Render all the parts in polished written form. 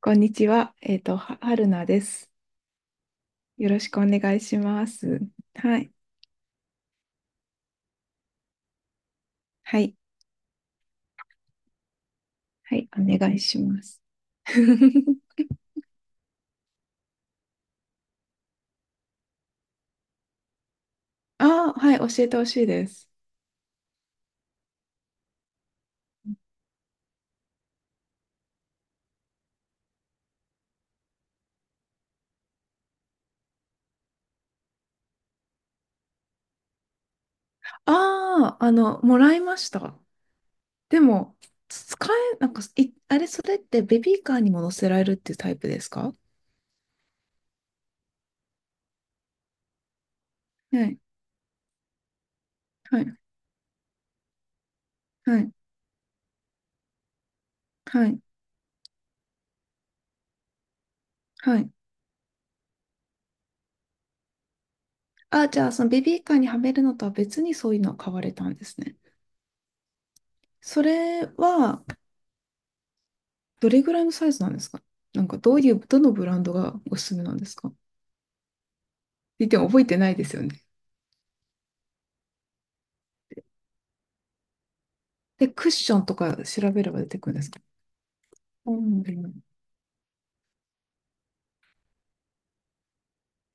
こんにちは。はるなです。よろしくお願いします。はい。はい。はい。お願いします。ああ、はい。教えてほしいです。ああ、もらいました。でも、使え、なんか、い、あれ、それってベビーカーにも乗せられるっていうタイプですか？はい。はい。はい。はい。はい。あ、じゃあ、そのベビーカーにはめるのとは別にそういうのを買われたんですね。それは、どれぐらいのサイズなんですか？なんかどういう、どのブランドがおすすめなんですかって言っても覚えてないですよね。で、クッションとか調べれば出てくるんですか？うん。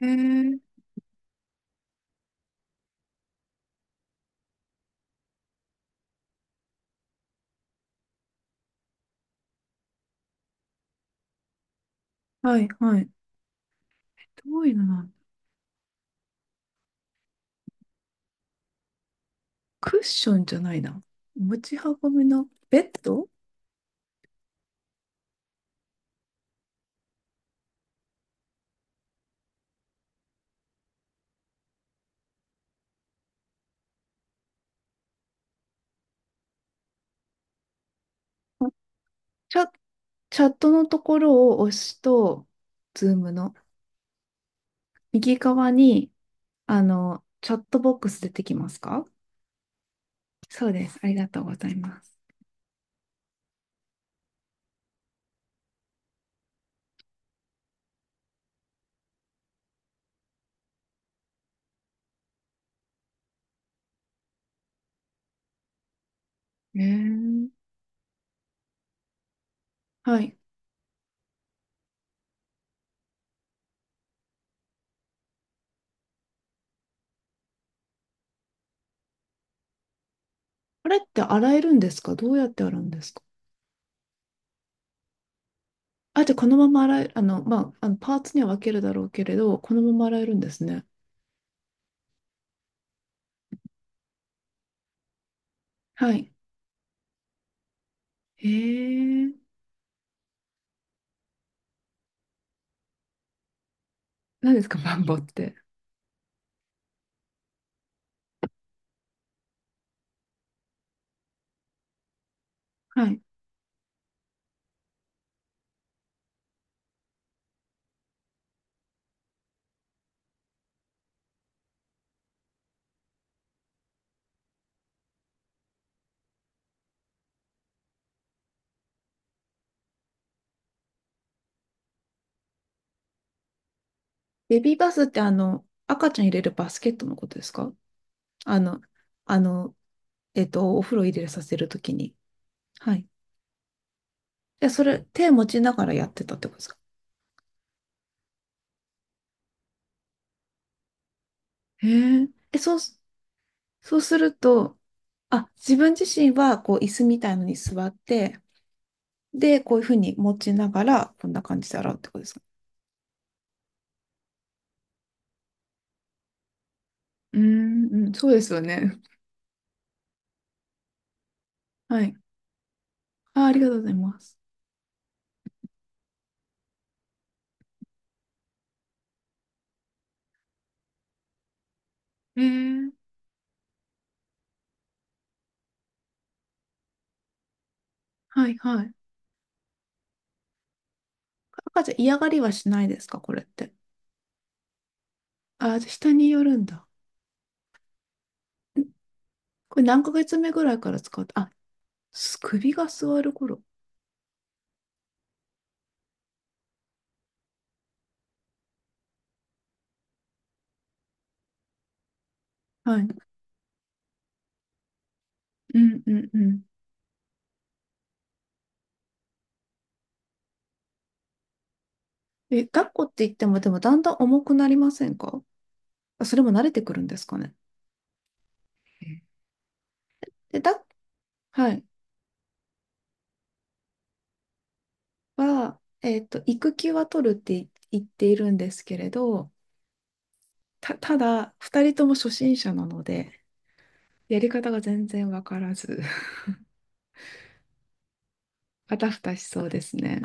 えー、はいはい。どういうのなん、クッションじゃないな。持ち運びのベッド。チャ、チャットのところを押すと、ズームの右側に、あの、チャットボックス出てきますか？そうです。ありがとうございます。えー。はい。あれって洗えるんですか？どうやって洗うんですか？あ、じゃあこのまま洗え、あのパーツには分けるだろうけれど、このまま洗えるんですね。はい。へえ。何ですか、マンボって。はい。ベビーバスってあの、赤ちゃん入れるバスケットのことですか？あの、あの、お風呂入れさせるときに。はい。で、それ、手持ちながらやってたってことですか？へえ。え、そうす、そうすると、あ、自分自身は、こう、椅子みたいのに座って、で、こういうふうに持ちながら、こんな感じで洗うってことですか。うーん、うん、そうですよね。はい。あ、ありがとうございます。えー、はいはい。赤ちゃん嫌がりはしないですか、これって。あ、下によるんだ。ん。これ何ヶ月目ぐらいから使う、あ、す首が座る頃。はい。うんうんうん。え、抱っこって言っても、でもだんだん重くなりませんか？あ、それも慣れてくるんですかね。で、だ、はい。は、育休は取るって言っているんですけれど、た、ただ、二人とも初心者なので、やり方が全然わからず、あたふたしそうですね。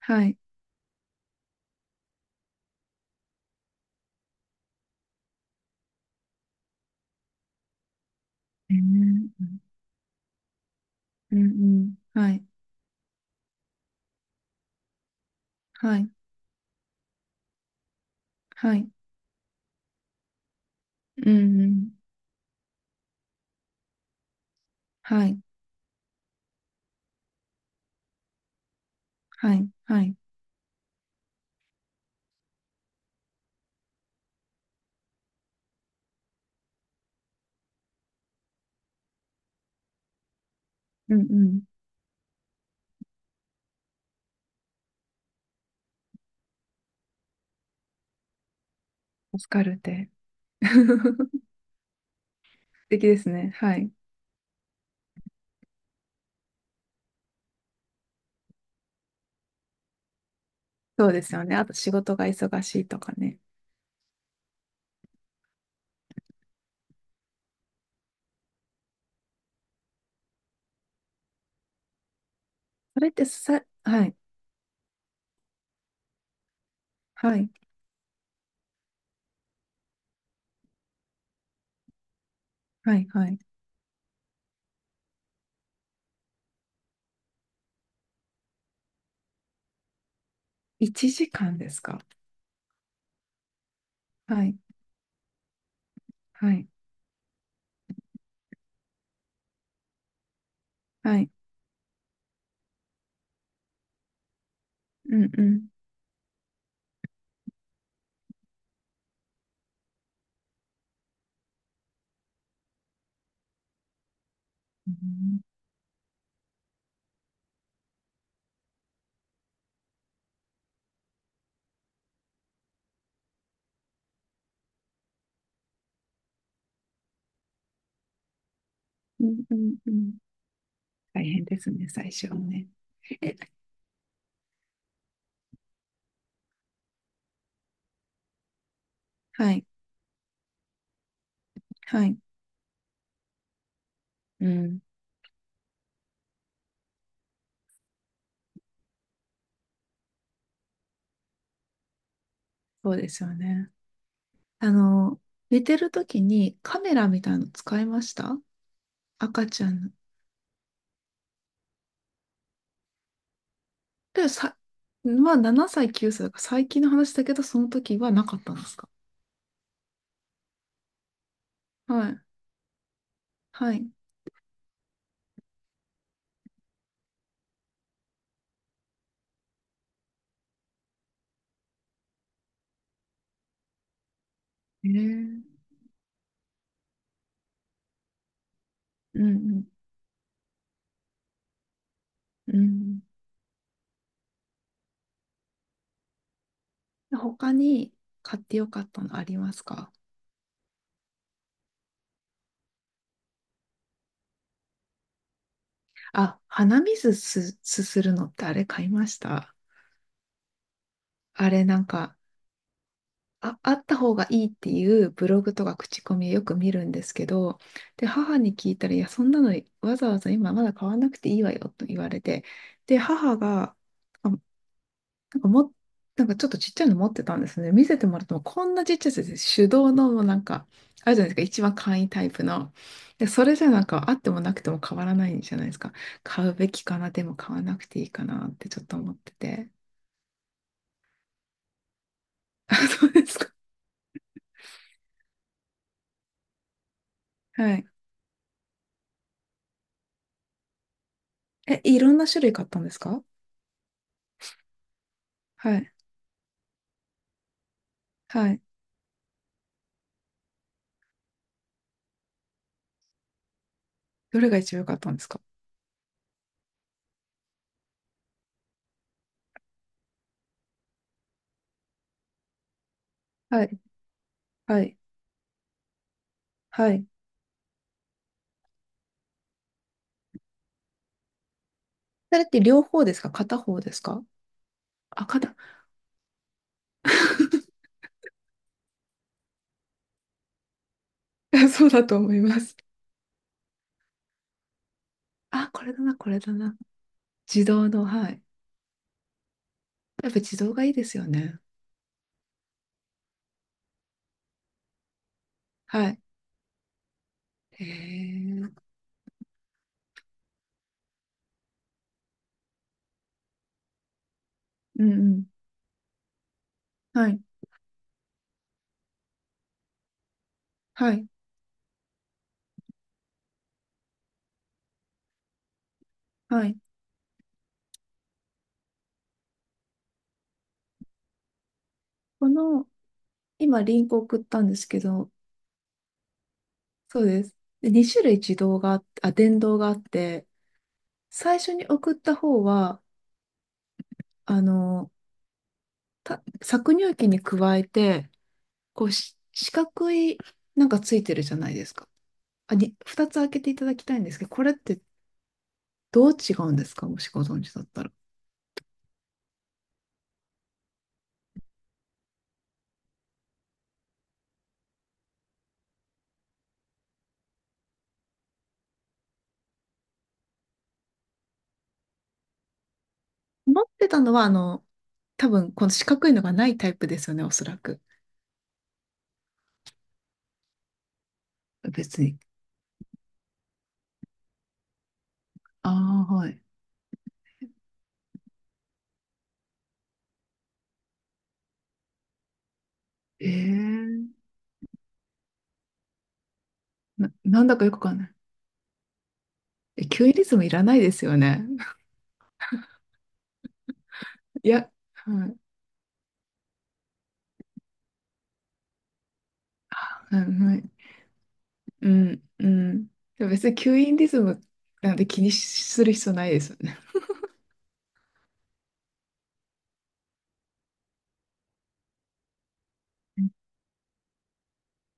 はい。えー。うんうんうん。はい。はい。はい。うんうん。はい。はい。はい。うんうん。助かるって。素敵ですね。はい。そうですよね。あと仕事が忙しいとかね。それってさ、はい。はい。はい。はい。1時間ですか？はい。はい。はい。うんうん。うんうんうんうん。大変ですね、最初はね。はい、はい。うん、そうですよね。あの、寝てる時にカメラみたいの使いました？赤ちゃんの。でさ、まあ7歳、9歳だから最近の話だけど、その時はなかったんですか？はい、はい。えー、うん。うん、うん。他に買ってよかったのありますか？あ、鼻水す、すするのってあれ買いました？あれなんか、あ、あった方がいいっていうブログとか口コミをよく見るんですけど、で、母に聞いたら、いや、そんなのわざわざ今まだ買わなくていいわよと言われて、で、母が、あ、なんかも、なんかちょっとちっちゃいの持ってたんですね。見せてもらっても、こんなちっちゃいやつです、手動のもうなんか、あるじゃないですか、一番簡易タイプの。で、それじゃなんかあってもなくても変わらないじゃないですか。買うべきかな、でも買わなくていいかなってちょっと思ってて。あ、そうですか。はい。え、いろんな種類買ったんですか？はい。はい。どれが一番良かったんですか？はい、はい、はい。それって両方ですか？片方ですか？あ、片。 そうだと思います。あ、これだな、これだな。自動の、はい。やっぱ自動がいいですよね。はい。へえ。うんうん。はい、はい、はい。この、今リンク送ったんですけど、そうです。で、2種類自動があって、あ、電動があって、最初に送った方は、あの、た搾乳機に加えて、こうし四角いなんかついてるじゃないですか。あ、に、二つ開けていただきたいんですけど、これってどう違うんですか？もしご存知だったら。持ってたのは、あの、多分この四角いのがないタイプですよね、おそらく。別に。ああ、はい。ええ。な、なんだかよくわかんない。え、キュウリズムいらないですよね。いや、はい、はい、はい。うん、うん。でも別に吸引リズムなんて気にする必要ないですよね。じ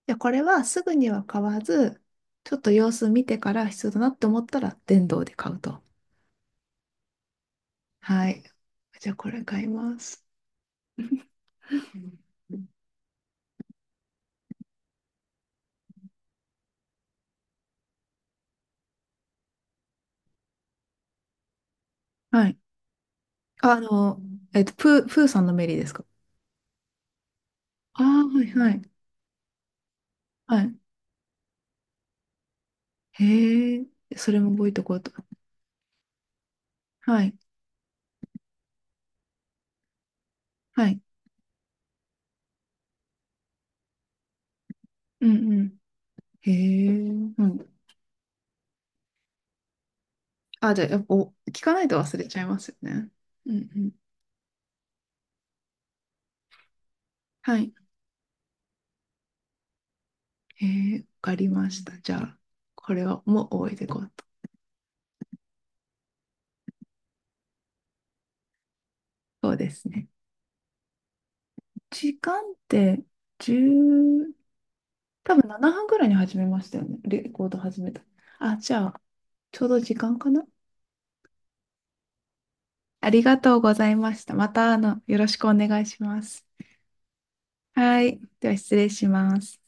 ゃこれはすぐには買わず、ちょっと様子見てから必要だなって思ったら電動で買うと。はい。じゃあこれ買います。はい。あの、プーさんのメリーですか？ああー、はいはい。はい。へえ、それも覚えておこうと。はい。はい。うんうん。へえ、うん。あ、じゃあ、やっぱ、お聞かないと忘れちゃいますよね。うんうん。はい。へえ、わかりました。じゃあ、これはもう覚えていこうと。そうですね。時間って10、多分7分ぐらいに始めましたよね。レコード始めた。あ、じゃあ、ちょうど時間かな。ありがとうございました。また、あの、よろしくお願いします。はい。では、失礼します。